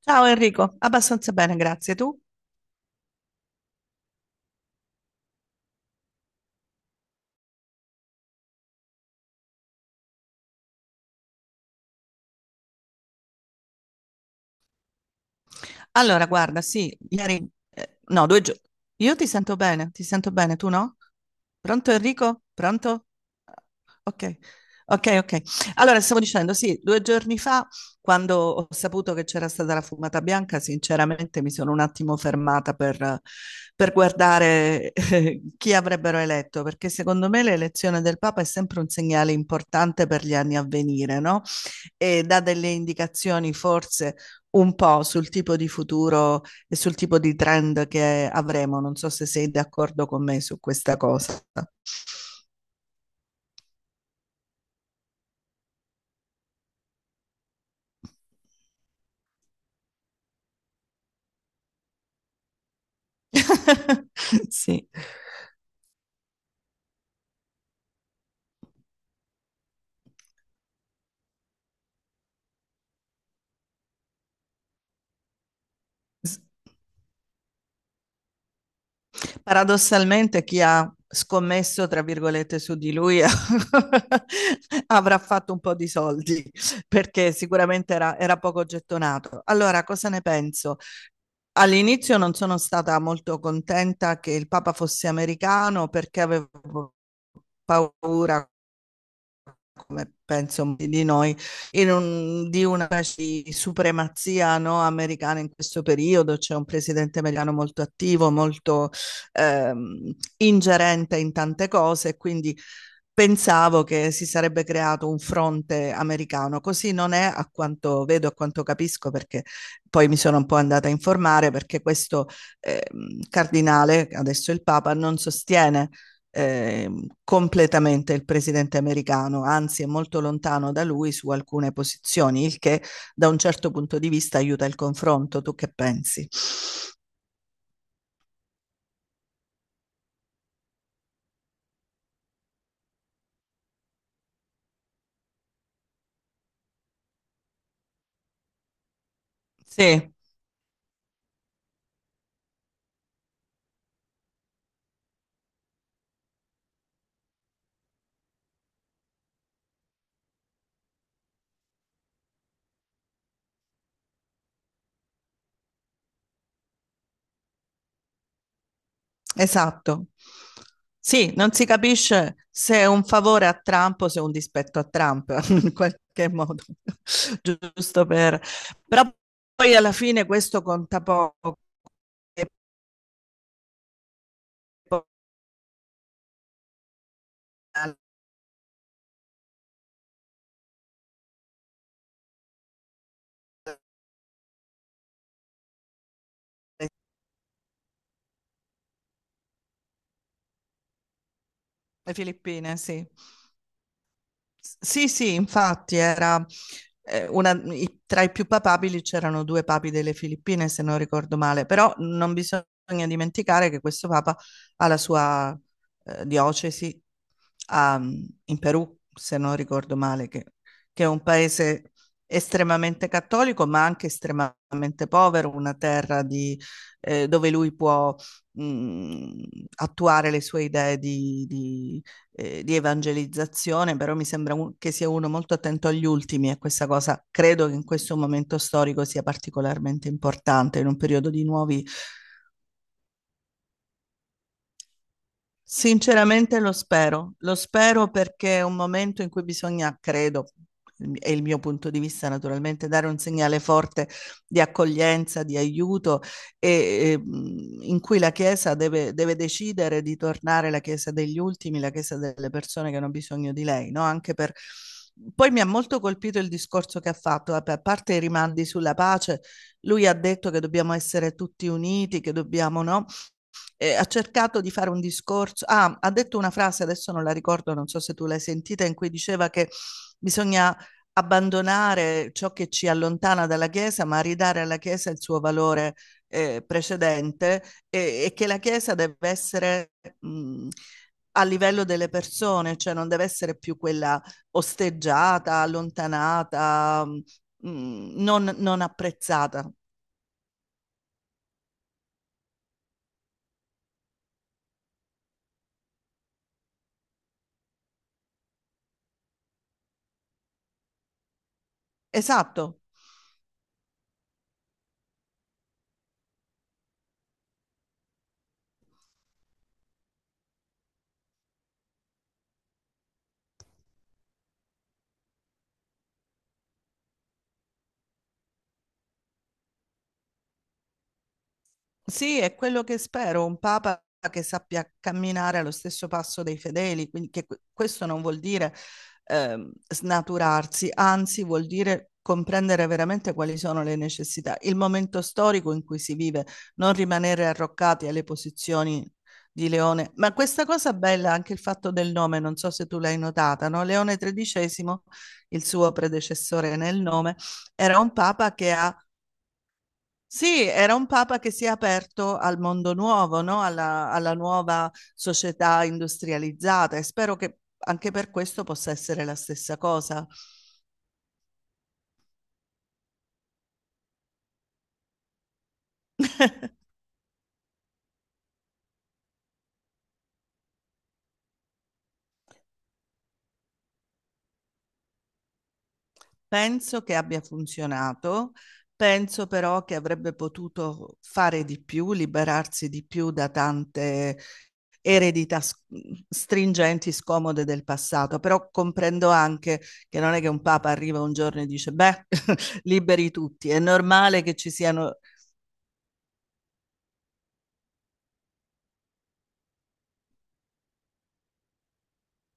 Ciao Enrico, abbastanza bene, grazie. Tu? Allora, guarda, sì, ieri, no, due giorni. Io ti sento bene, tu no? Pronto Enrico? Pronto? Ok, ok, ok. Allora, stavo dicendo, sì, due giorni fa, quando ho saputo che c'era stata la fumata bianca, sinceramente mi sono un attimo fermata per guardare chi avrebbero eletto, perché secondo me l'elezione del Papa è sempre un segnale importante per gli anni a venire, no? E dà delle indicazioni forse un po' sul tipo di futuro e sul tipo di trend che avremo, non so se sei d'accordo con me su questa cosa. Sì. Paradossalmente chi ha scommesso, tra virgolette, su di lui avrà fatto un po' di soldi perché sicuramente era poco gettonato. Allora, cosa ne penso? All'inizio non sono stata molto contenta che il Papa fosse americano perché avevo paura come penso molti di noi, di una specie di supremazia, no, americana in questo periodo. C'è un presidente americano molto attivo, molto ingerente in tante cose, e quindi pensavo che si sarebbe creato un fronte americano. Così non è, a quanto vedo, a quanto capisco, perché poi mi sono un po' andata a informare, perché questo cardinale, adesso il Papa, non sostiene eh, completamente il presidente americano, anzi è molto lontano da lui su alcune posizioni, il che da un certo punto di vista aiuta il confronto. Tu che pensi? Sì, esatto. Sì, non si capisce se è un favore a Trump o se è un dispetto a Trump, in qualche modo, giusto per. Però poi alla fine questo conta poco. Le Filippine, sì. Sì, sì, infatti era tra i più papabili c'erano due papi delle Filippine, se non ricordo male, però non bisogna dimenticare che questo papa ha la sua diocesi a- in Perù, se non ricordo male, che è un paese estremamente cattolico, ma anche estremamente povero, una terra di, dove lui può mh, attuare le sue idee di evangelizzazione, però mi sembra che sia uno molto attento agli ultimi e questa cosa credo che in questo momento storico sia particolarmente importante, in un periodo di nuovi. Sinceramente lo spero perché è un momento in cui bisogna, credo, è il mio punto di vista naturalmente, dare un segnale forte di accoglienza, di aiuto e, in cui la Chiesa deve decidere di tornare la Chiesa degli ultimi, la Chiesa delle persone che hanno bisogno di lei, no? Anche per. Poi mi ha molto colpito il discorso che ha fatto, vabbè, a parte i rimandi sulla pace, lui ha detto che dobbiamo essere tutti uniti, che dobbiamo, no? Ha cercato di fare un discorso, ah, ha detto una frase, adesso non la ricordo, non so se tu l'hai sentita, in cui diceva che bisogna abbandonare ciò che ci allontana dalla Chiesa, ma ridare alla Chiesa il suo valore precedente e, che la Chiesa deve essere mh, a livello delle persone, cioè non deve essere più quella osteggiata, allontanata, non apprezzata. Esatto. Sì, è quello che spero, un papa che sappia camminare allo stesso passo dei fedeli, quindi che questo non vuol dire snaturarsi, anzi vuol dire comprendere veramente quali sono le necessità, il momento storico in cui si vive, non rimanere arroccati alle posizioni di Leone. Ma questa cosa bella, anche il fatto del nome, non so se tu l'hai notata, no? Leone XIII, il suo predecessore nel nome, era un papa che ha, sì, era un papa che si è aperto al mondo nuovo, no? Alla nuova società industrializzata e spero che anche per questo possa essere la stessa cosa. Penso che abbia funzionato, penso però che avrebbe potuto fare di più, liberarsi di più da tante eredità stringenti, scomode del passato, però comprendo anche che non è che un papa arriva un giorno e dice, beh, liberi tutti, è normale che ci siano.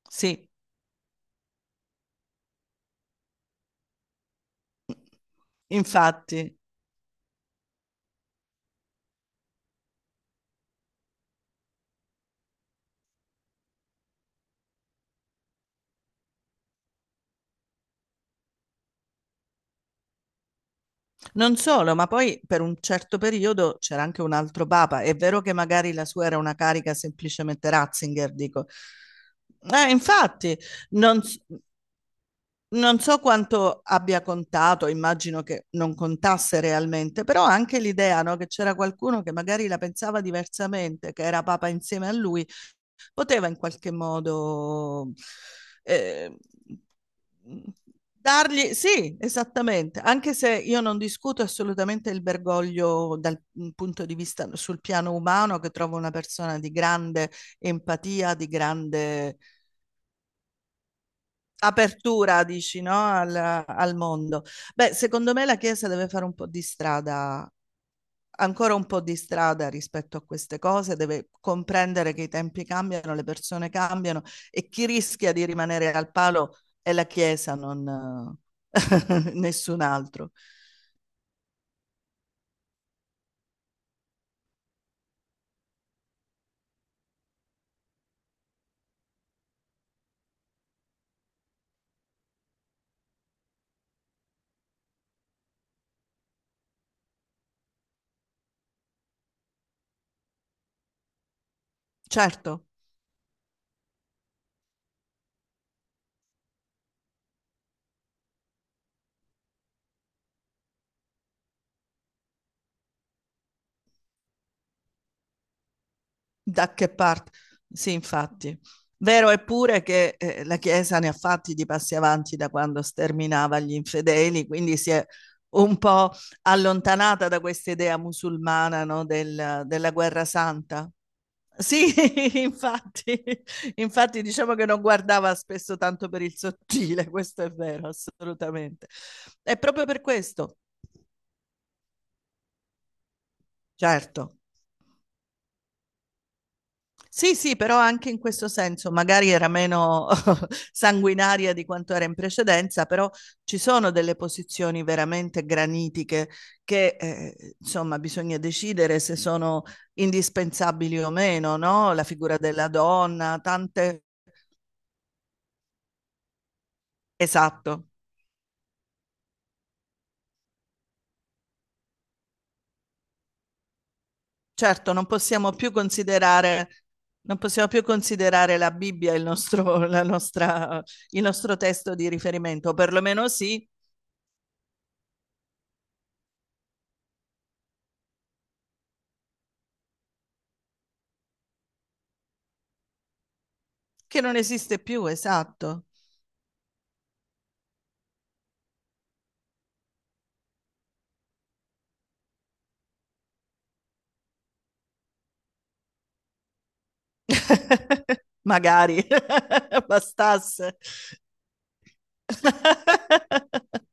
Sì. Infatti, non solo, ma poi per un certo periodo c'era anche un altro papa. È vero che magari la sua era una carica semplicemente Ratzinger, dico. Infatti, non, s- non so quanto abbia contato, immagino che non contasse realmente, però anche l'idea, no, che c'era qualcuno che magari la pensava diversamente, che era papa insieme a lui, poteva in qualche modo eh, dargli, sì, esattamente, anche se io non discuto assolutamente il Bergoglio dal punto di vista sul piano umano, che trovo una persona di grande empatia, di grande apertura, dici, no? al mondo. Beh, secondo me la Chiesa deve fare un po' di strada ancora un po' di strada rispetto a queste cose, deve comprendere che i tempi cambiano, le persone cambiano e chi rischia di rimanere al palo è la Chiesa, non nessun altro. Certo, da che parte? Sì, infatti. Vero è pure che la Chiesa ne ha fatti di passi avanti da quando sterminava gli infedeli, quindi si è un po' allontanata da questa idea musulmana no, della guerra santa, sì, infatti, infatti diciamo che non guardava spesso tanto per il sottile, questo è vero, assolutamente. È proprio per questo, certo. Sì, sì, però anche in questo senso, magari era meno sanguinaria di quanto era in precedenza, però ci sono delle posizioni veramente granitiche che, insomma, bisogna decidere se sono indispensabili o meno, no? La figura della donna, tante. Esatto. Certo, non possiamo più considerare la Bibbia il nostro testo di riferimento, o perlomeno sì, che non esiste più, esatto. Magari bastasse.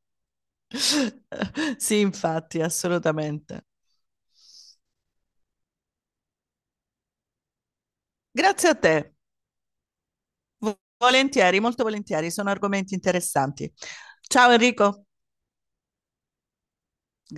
Sì, infatti, assolutamente. Grazie a te. Volentieri, molto volentieri, sono argomenti interessanti. Ciao Enrico.